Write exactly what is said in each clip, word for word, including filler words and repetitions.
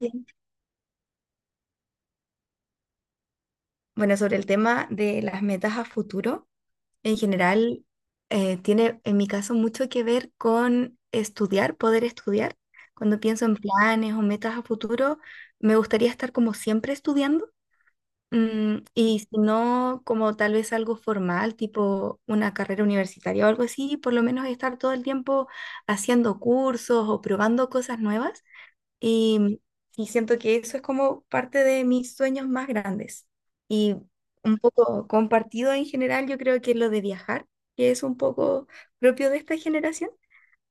Bien. Bueno, sobre el tema de las metas a futuro, en general, eh, tiene en mi caso mucho que ver con estudiar, poder estudiar. Cuando pienso en planes o metas a futuro, me gustaría estar como siempre estudiando. Mm, y si no, como tal vez algo formal, tipo una carrera universitaria o algo así, por lo menos estar todo el tiempo haciendo cursos o probando cosas nuevas. Y, y siento que eso es como parte de mis sueños más grandes. Y un poco compartido en general, yo creo que es lo de viajar, que es un poco propio de esta generación.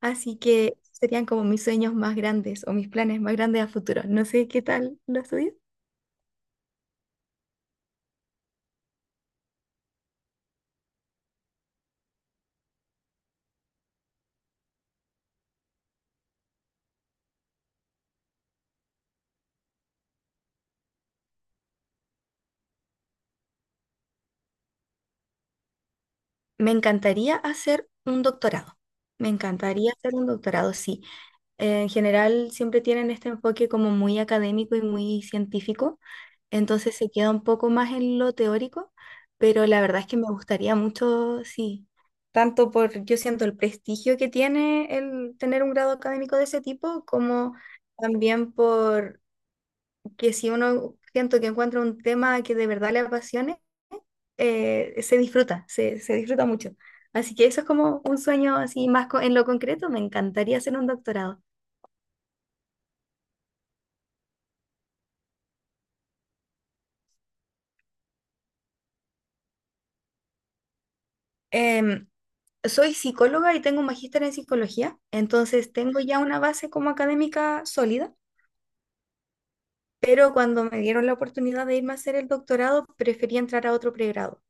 Así que serían como mis sueños más grandes o mis planes más grandes a futuro. No sé qué tal los tuyos. Me encantaría hacer un doctorado. Me encantaría hacer un doctorado, sí. Eh, en general siempre tienen este enfoque como muy académico y muy científico, entonces se queda un poco más en lo teórico, pero la verdad es que me gustaría mucho, sí, tanto por, yo siento el prestigio que tiene el tener un grado académico de ese tipo, como también por que si uno siento que encuentra un tema que de verdad le apasione, eh, se disfruta, se, se disfruta mucho. Así que eso es como un sueño así más co- en lo concreto, me encantaría hacer un doctorado. Em, Soy psicóloga y tengo un magíster en psicología, entonces tengo ya una base como académica sólida, pero cuando me dieron la oportunidad de irme a hacer el doctorado, preferí entrar a otro pregrado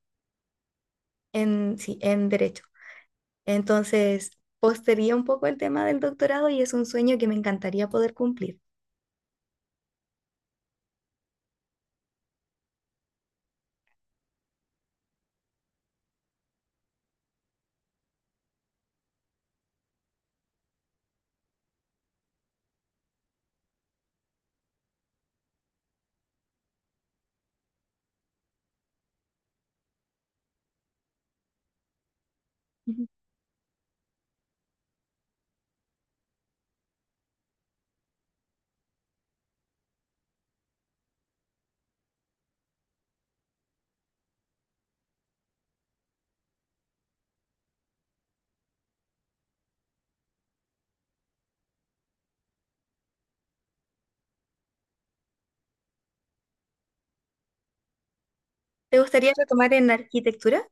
en, sí, en derecho. Entonces, postergué un poco el tema del doctorado y es un sueño que me encantaría poder cumplir. Ujú. ¿Te gustaría retomar en arquitectura?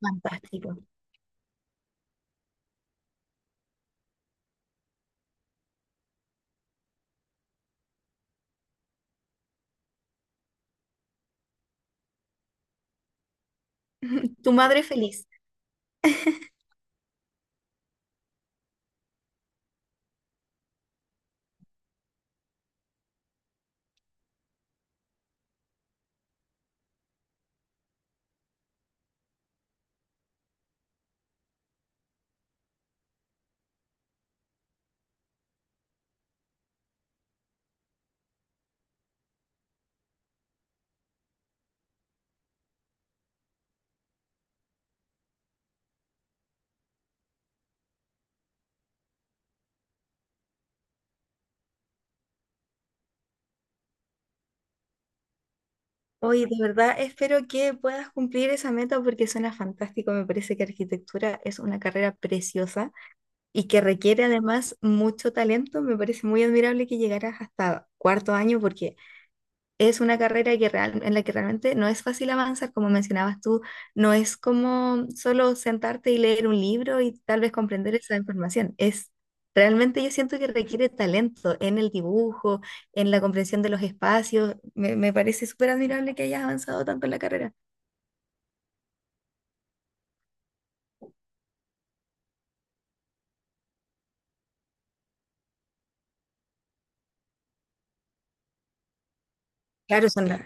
Fantástico. Tu madre feliz. Hoy, de verdad, espero que puedas cumplir esa meta porque suena fantástico. Me parece que arquitectura es una carrera preciosa y que requiere además mucho talento, me parece muy admirable que llegaras hasta cuarto año porque es una carrera que real- en la que realmente no es fácil avanzar, como mencionabas tú, no es como solo sentarte y leer un libro y tal vez comprender esa información, es realmente yo siento que requiere talento en el dibujo, en la comprensión de los espacios, me, me parece súper admirable que hayas avanzado tanto en la carrera. Claro, son las...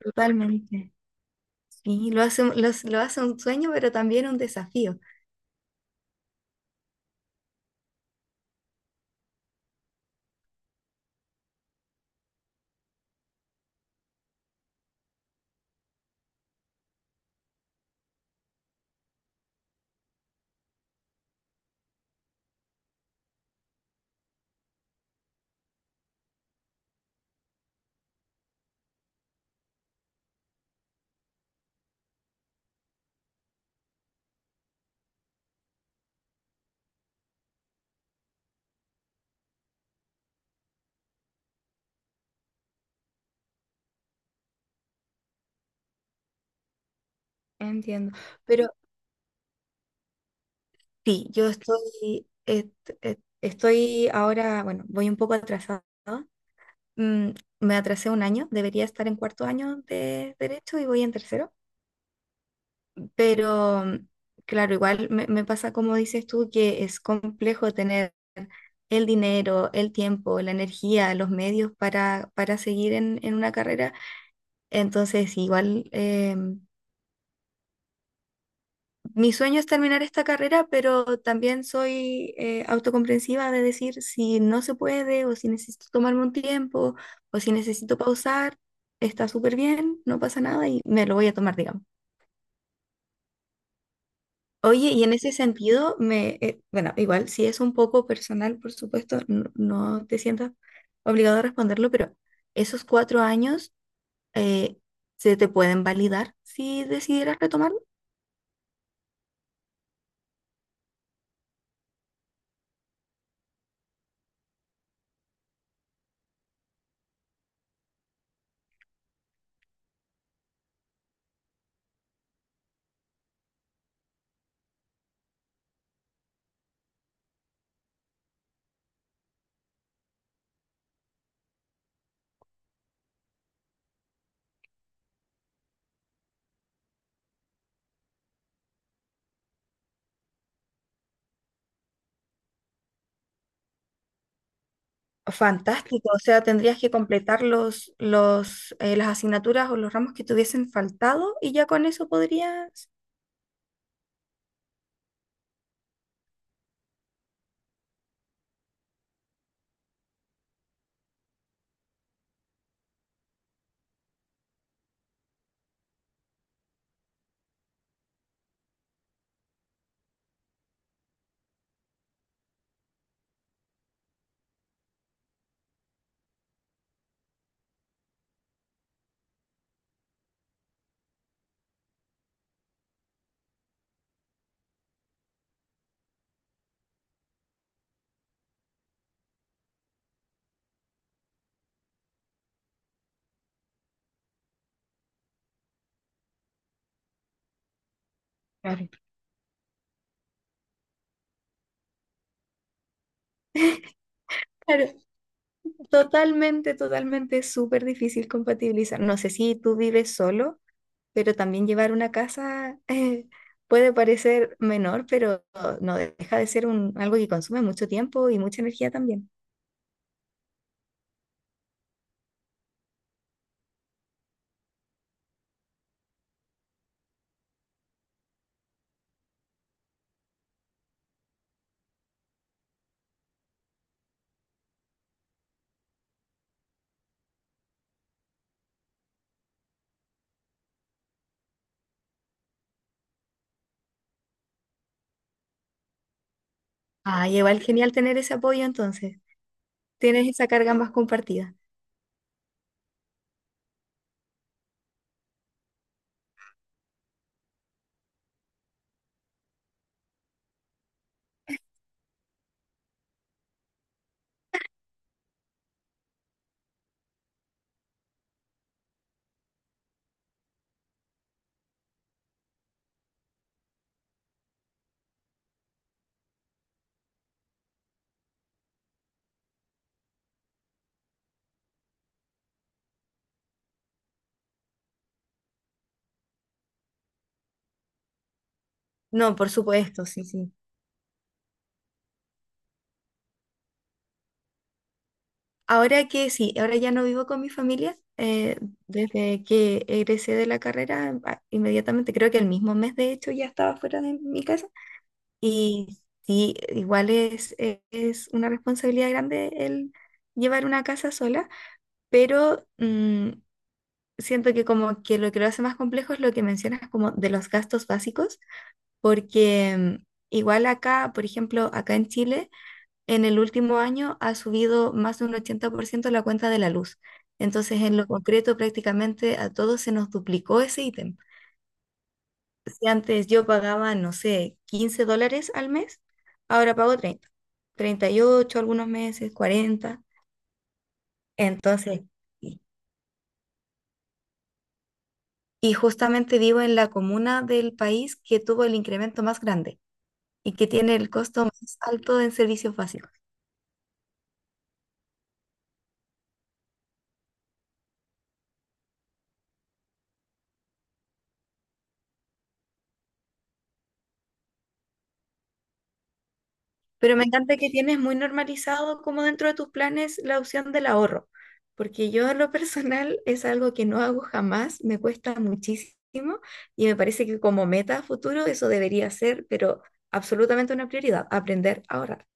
Totalmente. Sí, lo hace, un- los- lo hace un sueño, pero también un desafío. Entiendo. Pero sí, yo estoy, et- et- estoy ahora, bueno, voy un poco atrasada. Mm, Me atrasé un año, debería estar en cuarto año de derecho y voy en tercero. Pero mm, claro, igual me, me pasa como dices tú, que es complejo tener el dinero, el tiempo, la energía, los medios para, para seguir en, en una carrera. Entonces, igual... em, Mi sueño es terminar esta carrera, pero también soy eh, autocomprensiva de decir si no se puede o si necesito tomarme un tiempo o si necesito pausar, está súper bien, no pasa nada y me lo voy a tomar, digamos. Oye, y en ese sentido, me, eh, bueno, igual, si es un poco personal, por supuesto, no, no te sientas obligado a responderlo, pero esos cuatro años eh, se te pueden validar si decidieras retomar. Fantástico, o sea, tendrías que completar los, los, eh, las asignaturas o los ramos que te hubiesen faltado y ya con eso podrías... Claro. Claro, totalmente, totalmente súper difícil compatibilizar. No sé si tú vives solo, pero también llevar una casa eh, puede parecer menor, pero no deja de ser un, algo que consume mucho tiempo y mucha energía también. Ah, igual genial tener ese apoyo entonces. Tienes esa carga más compartida. No, por supuesto, sí, sí. Ahora que sí, ahora ya no vivo con mi familia. Eh, desde que egresé de la carrera, a- inmediatamente, creo que el mismo mes de hecho ya estaba fuera de mi casa. Y sí, igual es, eh, es una responsabilidad grande el llevar una casa sola, pero mm, siento que como que lo que lo hace más complejo es lo que mencionas como de los gastos básicos, porque mm, igual acá, por ejemplo, acá en Chile en el último año ha subido más de un ochenta por ciento la cuenta de la luz. Entonces, en lo concreto, prácticamente a todos se nos duplicó ese ítem. Si antes yo pagaba, no sé, quince dólares al mes, ahora pago treinta, treinta y ocho algunos meses, cuarenta. Entonces, y y justamente vivo en la comuna del país que tuvo el incremento más grande y que tiene el costo más alto en servicios básicos. Pero me encanta que tienes muy normalizado como dentro de tus planes la opción del ahorro, porque yo en lo personal es algo que no hago jamás, me cuesta muchísimo y me parece que como meta a futuro eso debería ser, pero absolutamente una prioridad, aprender a ahorrar.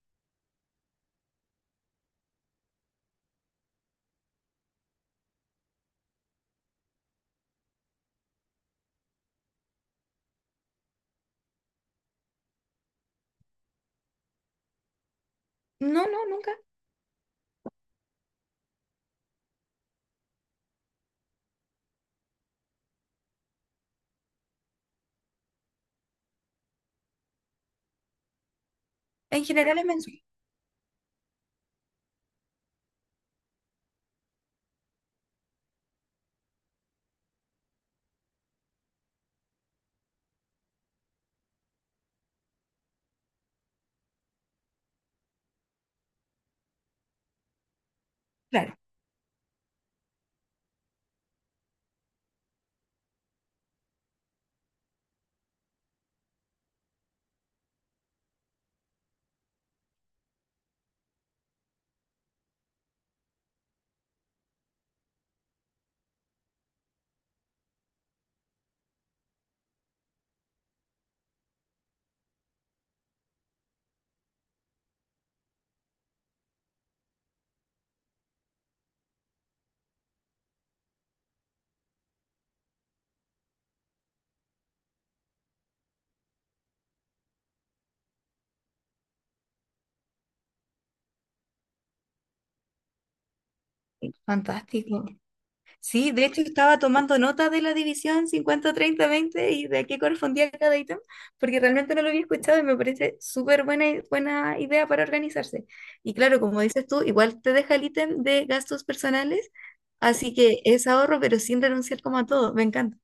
No, no, nunca. En general es mensual. Claro, fantástico. Sí, de hecho estaba tomando nota de la división cincuenta treinta veinte y de a qué correspondía cada ítem, porque realmente no lo había escuchado y me parece súper buena, buena idea para organizarse. Y claro, como dices tú, igual te deja el ítem de gastos personales, así que es ahorro, pero sin renunciar como a todo. Me encanta.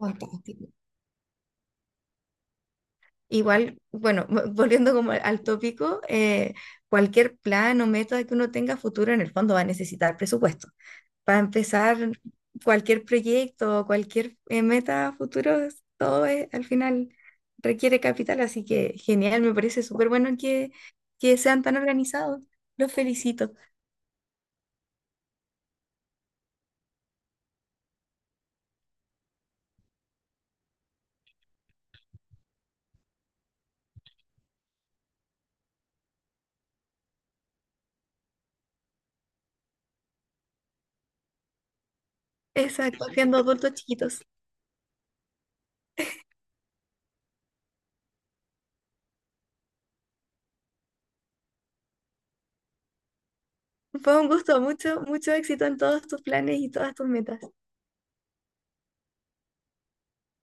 Fantástico. Igual, bueno, vo- volviendo como al tópico, eh, cualquier plan o método que uno tenga a futuro en el fondo va a necesitar presupuesto. Para empezar cualquier proyecto o cualquier eh, meta a futuro, todo es- al final requiere capital, así que genial, me parece súper bueno que, que sean tan organizados. Los felicito. Exacto, siendo adultos chiquitos. Fue un gusto, mucho, mucho éxito en todos tus planes y todas tus metas.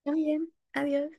Muy bien, adiós.